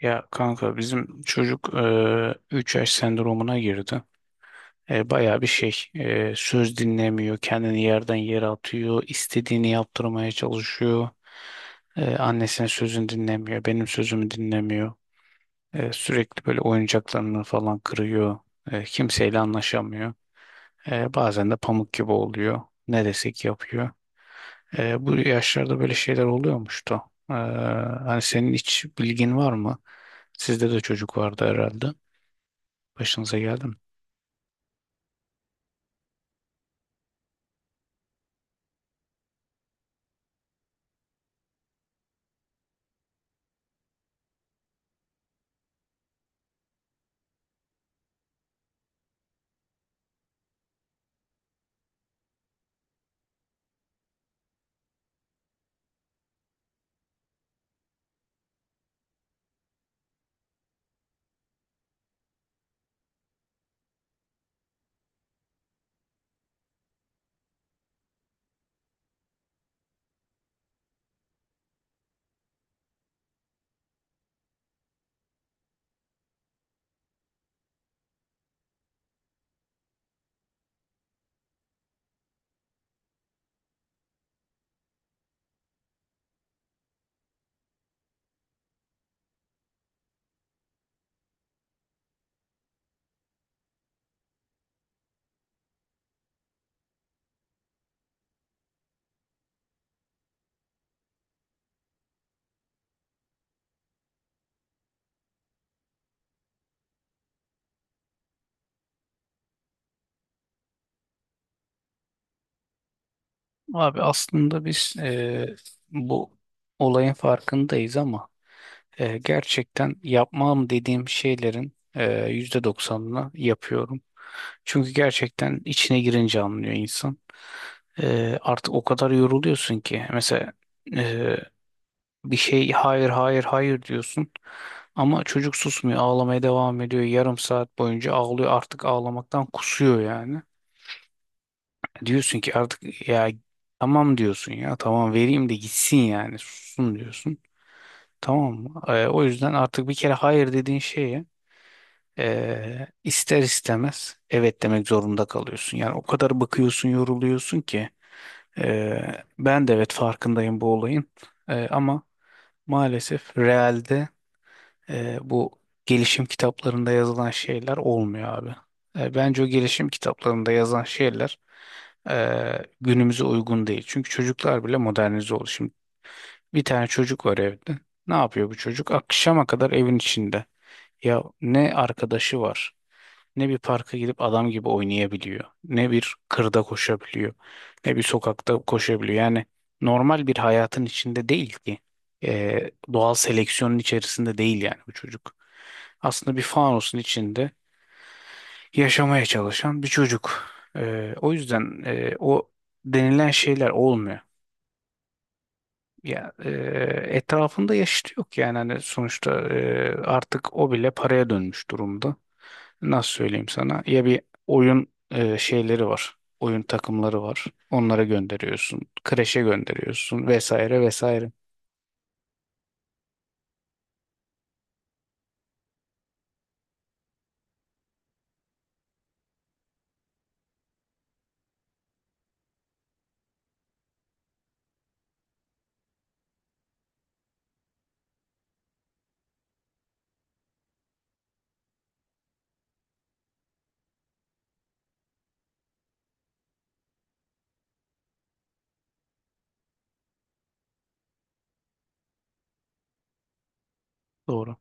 Ya kanka bizim çocuk 3 yaş sendromuna girdi. Bayağı bir şey söz dinlemiyor, kendini yerden yere atıyor, istediğini yaptırmaya çalışıyor. Annesinin sözünü dinlemiyor, benim sözümü dinlemiyor. Sürekli böyle oyuncaklarını falan kırıyor. Kimseyle anlaşamıyor. Bazen de pamuk gibi oluyor. Ne desek yapıyor. Bu yaşlarda böyle şeyler oluyormuştu. Hani senin hiç bilgin var mı? Sizde de çocuk vardı herhalde. Başınıza geldi mi? Abi aslında biz bu olayın farkındayız ama gerçekten yapmam dediğim şeylerin %90'ını yapıyorum. Çünkü gerçekten içine girince anlıyor insan. Artık o kadar yoruluyorsun ki mesela eee, bir şey hayır hayır hayır diyorsun ama çocuk susmuyor, ağlamaya devam ediyor, 0,5 saat boyunca ağlıyor, artık ağlamaktan kusuyor yani. Diyorsun ki artık ya tamam diyorsun, ya tamam vereyim de gitsin yani sussun diyorsun. Tamam mı? O yüzden artık bir kere hayır dediğin şeye ister istemez evet demek zorunda kalıyorsun. Yani o kadar bakıyorsun, yoruluyorsun ki ben de evet farkındayım bu olayın. Ama maalesef realde bu gelişim kitaplarında yazılan şeyler olmuyor abi. Bence o gelişim kitaplarında yazan şeyler günümüze uygun değil. Çünkü çocuklar bile modernize oldu. Şimdi bir tane çocuk var evde. Ne yapıyor bu çocuk? Akşama kadar evin içinde. Ya ne arkadaşı var, ne bir parka gidip adam gibi oynayabiliyor, ne bir kırda koşabiliyor, ne bir sokakta koşabiliyor. Yani normal bir hayatın içinde değil ki. Doğal seleksiyonun içerisinde değil yani bu çocuk. Aslında bir fanusun içinde yaşamaya çalışan bir çocuk. O yüzden o denilen şeyler olmuyor. Ya etrafında yaşıtı yok yani, hani sonuçta artık o bile paraya dönmüş durumda. Nasıl söyleyeyim sana? Ya bir oyun şeyleri var. Oyun takımları var. Onlara gönderiyorsun. Kreşe gönderiyorsun vesaire vesaire. Doğru.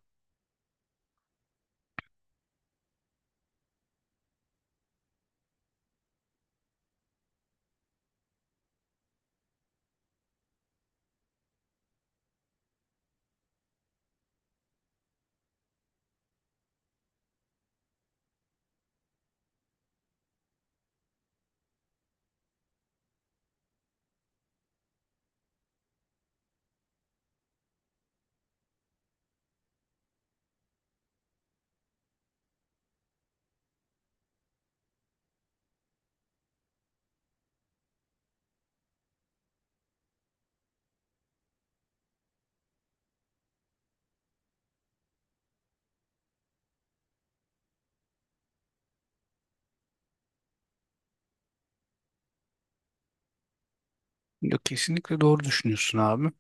Yok, kesinlikle doğru düşünüyorsun abi.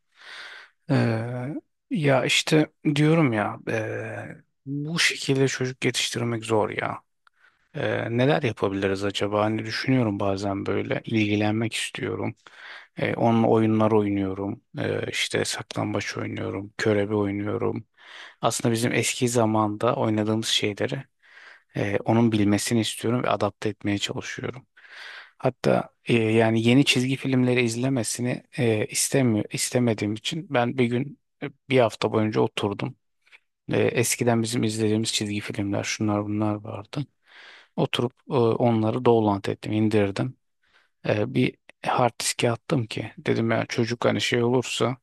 Ee, Ya işte diyorum ya bu şekilde çocuk yetiştirmek zor ya. Neler yapabiliriz acaba? Hani düşünüyorum bazen, böyle ilgilenmek istiyorum. Onunla oyunlar oynuyorum. İşte saklambaç oynuyorum, körebe oynuyorum. Aslında bizim eski zamanda oynadığımız şeyleri onun bilmesini istiyorum ve adapte etmeye çalışıyorum. Hatta yani yeni çizgi filmleri izlemesini istemiyor, istemediğim için ben bir gün bir hafta boyunca oturdum. Eskiden bizim izlediğimiz çizgi filmler şunlar bunlar vardı. Oturup onları download ettim, indirdim. Bir hard diske attım ki dedim ya çocuk hani şey olursa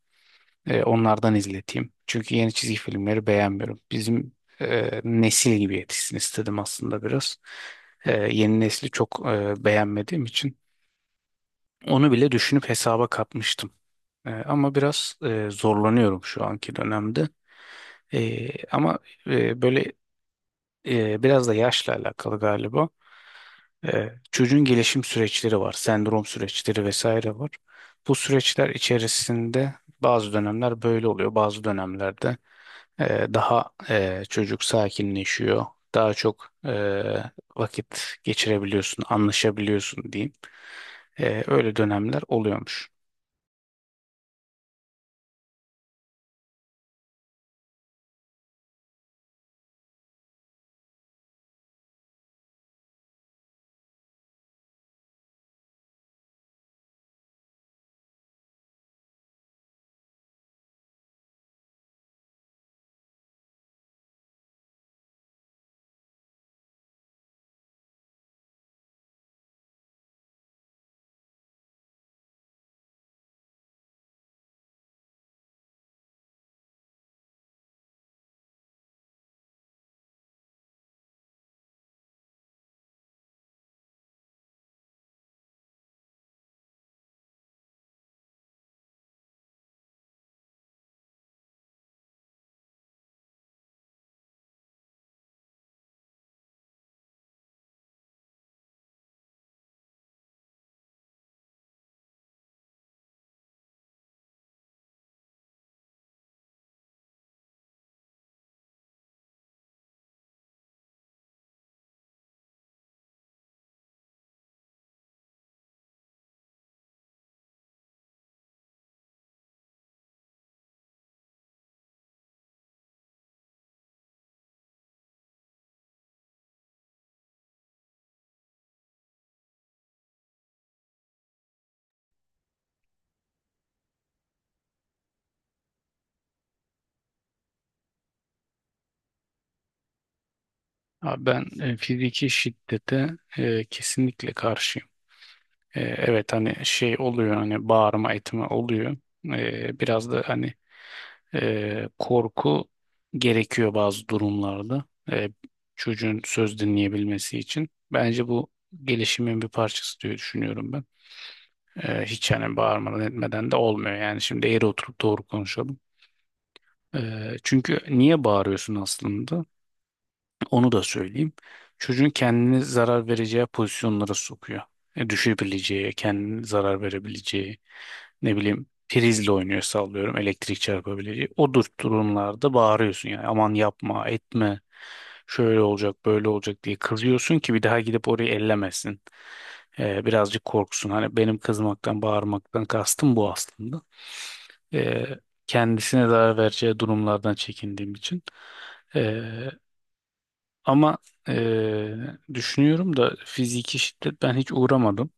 onlardan izleteyim. Çünkü yeni çizgi filmleri beğenmiyorum. Bizim nesil gibi yetişsin istedim aslında biraz. Yeni nesli çok beğenmediğim için onu bile düşünüp hesaba katmıştım. Ama biraz zorlanıyorum şu anki dönemde. E, ama e, böyle e, Biraz da yaşla alakalı galiba. Çocuğun gelişim süreçleri var, sendrom süreçleri vesaire var. Bu süreçler içerisinde bazı dönemler böyle oluyor, bazı dönemlerde çocuk sakinleşiyor, daha çok vakit geçirebiliyorsun, anlaşabiliyorsun diyeyim. Öyle dönemler oluyormuş. Abi ben fiziki şiddete kesinlikle karşıyım. Evet hani şey oluyor, hani bağırma etme oluyor. Biraz da hani korku gerekiyor bazı durumlarda e, çocuğun söz dinleyebilmesi için. Bence bu gelişimin bir parçası diye düşünüyorum ben. Hiç yani bağırmadan etmeden de olmuyor. Yani şimdi eğri oturup doğru konuşalım. E, Çünkü niye bağırıyorsun aslında? Onu da söyleyeyim. Çocuğun kendini zarar vereceği pozisyonlara sokuyor. Düşebileceği, kendini zarar verebileceği, ne bileyim prizle oynuyor sallıyorum, elektrik çarpabileceği. O durumlarda bağırıyorsun yani, aman yapma, etme, şöyle olacak, böyle olacak diye kızıyorsun ki bir daha gidip orayı ellemesin. Birazcık korksun. Hani benim kızmaktan, bağırmaktan kastım bu aslında. E, Kendisine zarar vereceği durumlardan çekindiğim için. E, ama düşünüyorum da fiziki şiddet ben hiç uğramadım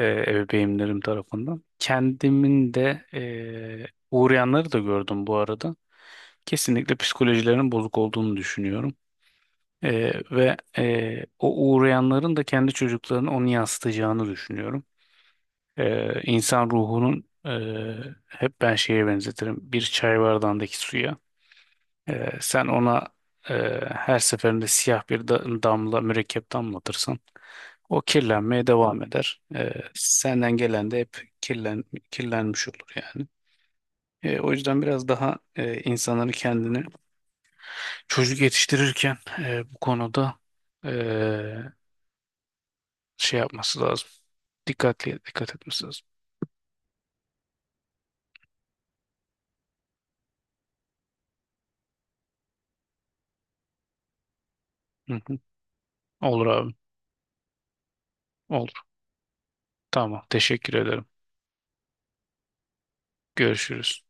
ebeveynlerim tarafından. Kendimin de uğrayanları da gördüm bu arada. Kesinlikle psikolojilerinin bozuk olduğunu düşünüyorum. Ve o uğrayanların da kendi çocuklarını onu yansıtacağını düşünüyorum. İnsan ruhunun hep ben şeye benzetirim, bir çay bardağındaki suya. Sen ona e, her seferinde siyah bir damla, mürekkep damlatırsan o kirlenmeye devam eder. Senden gelen de hep kirlenmiş olur yani. O yüzden biraz daha insanları kendini çocuk yetiştirirken bu konuda e, şey yapması lazım. Dikkatli, dikkat etmesi lazım. Hı hı. Olur abi, olur. Tamam, teşekkür ederim. Görüşürüz.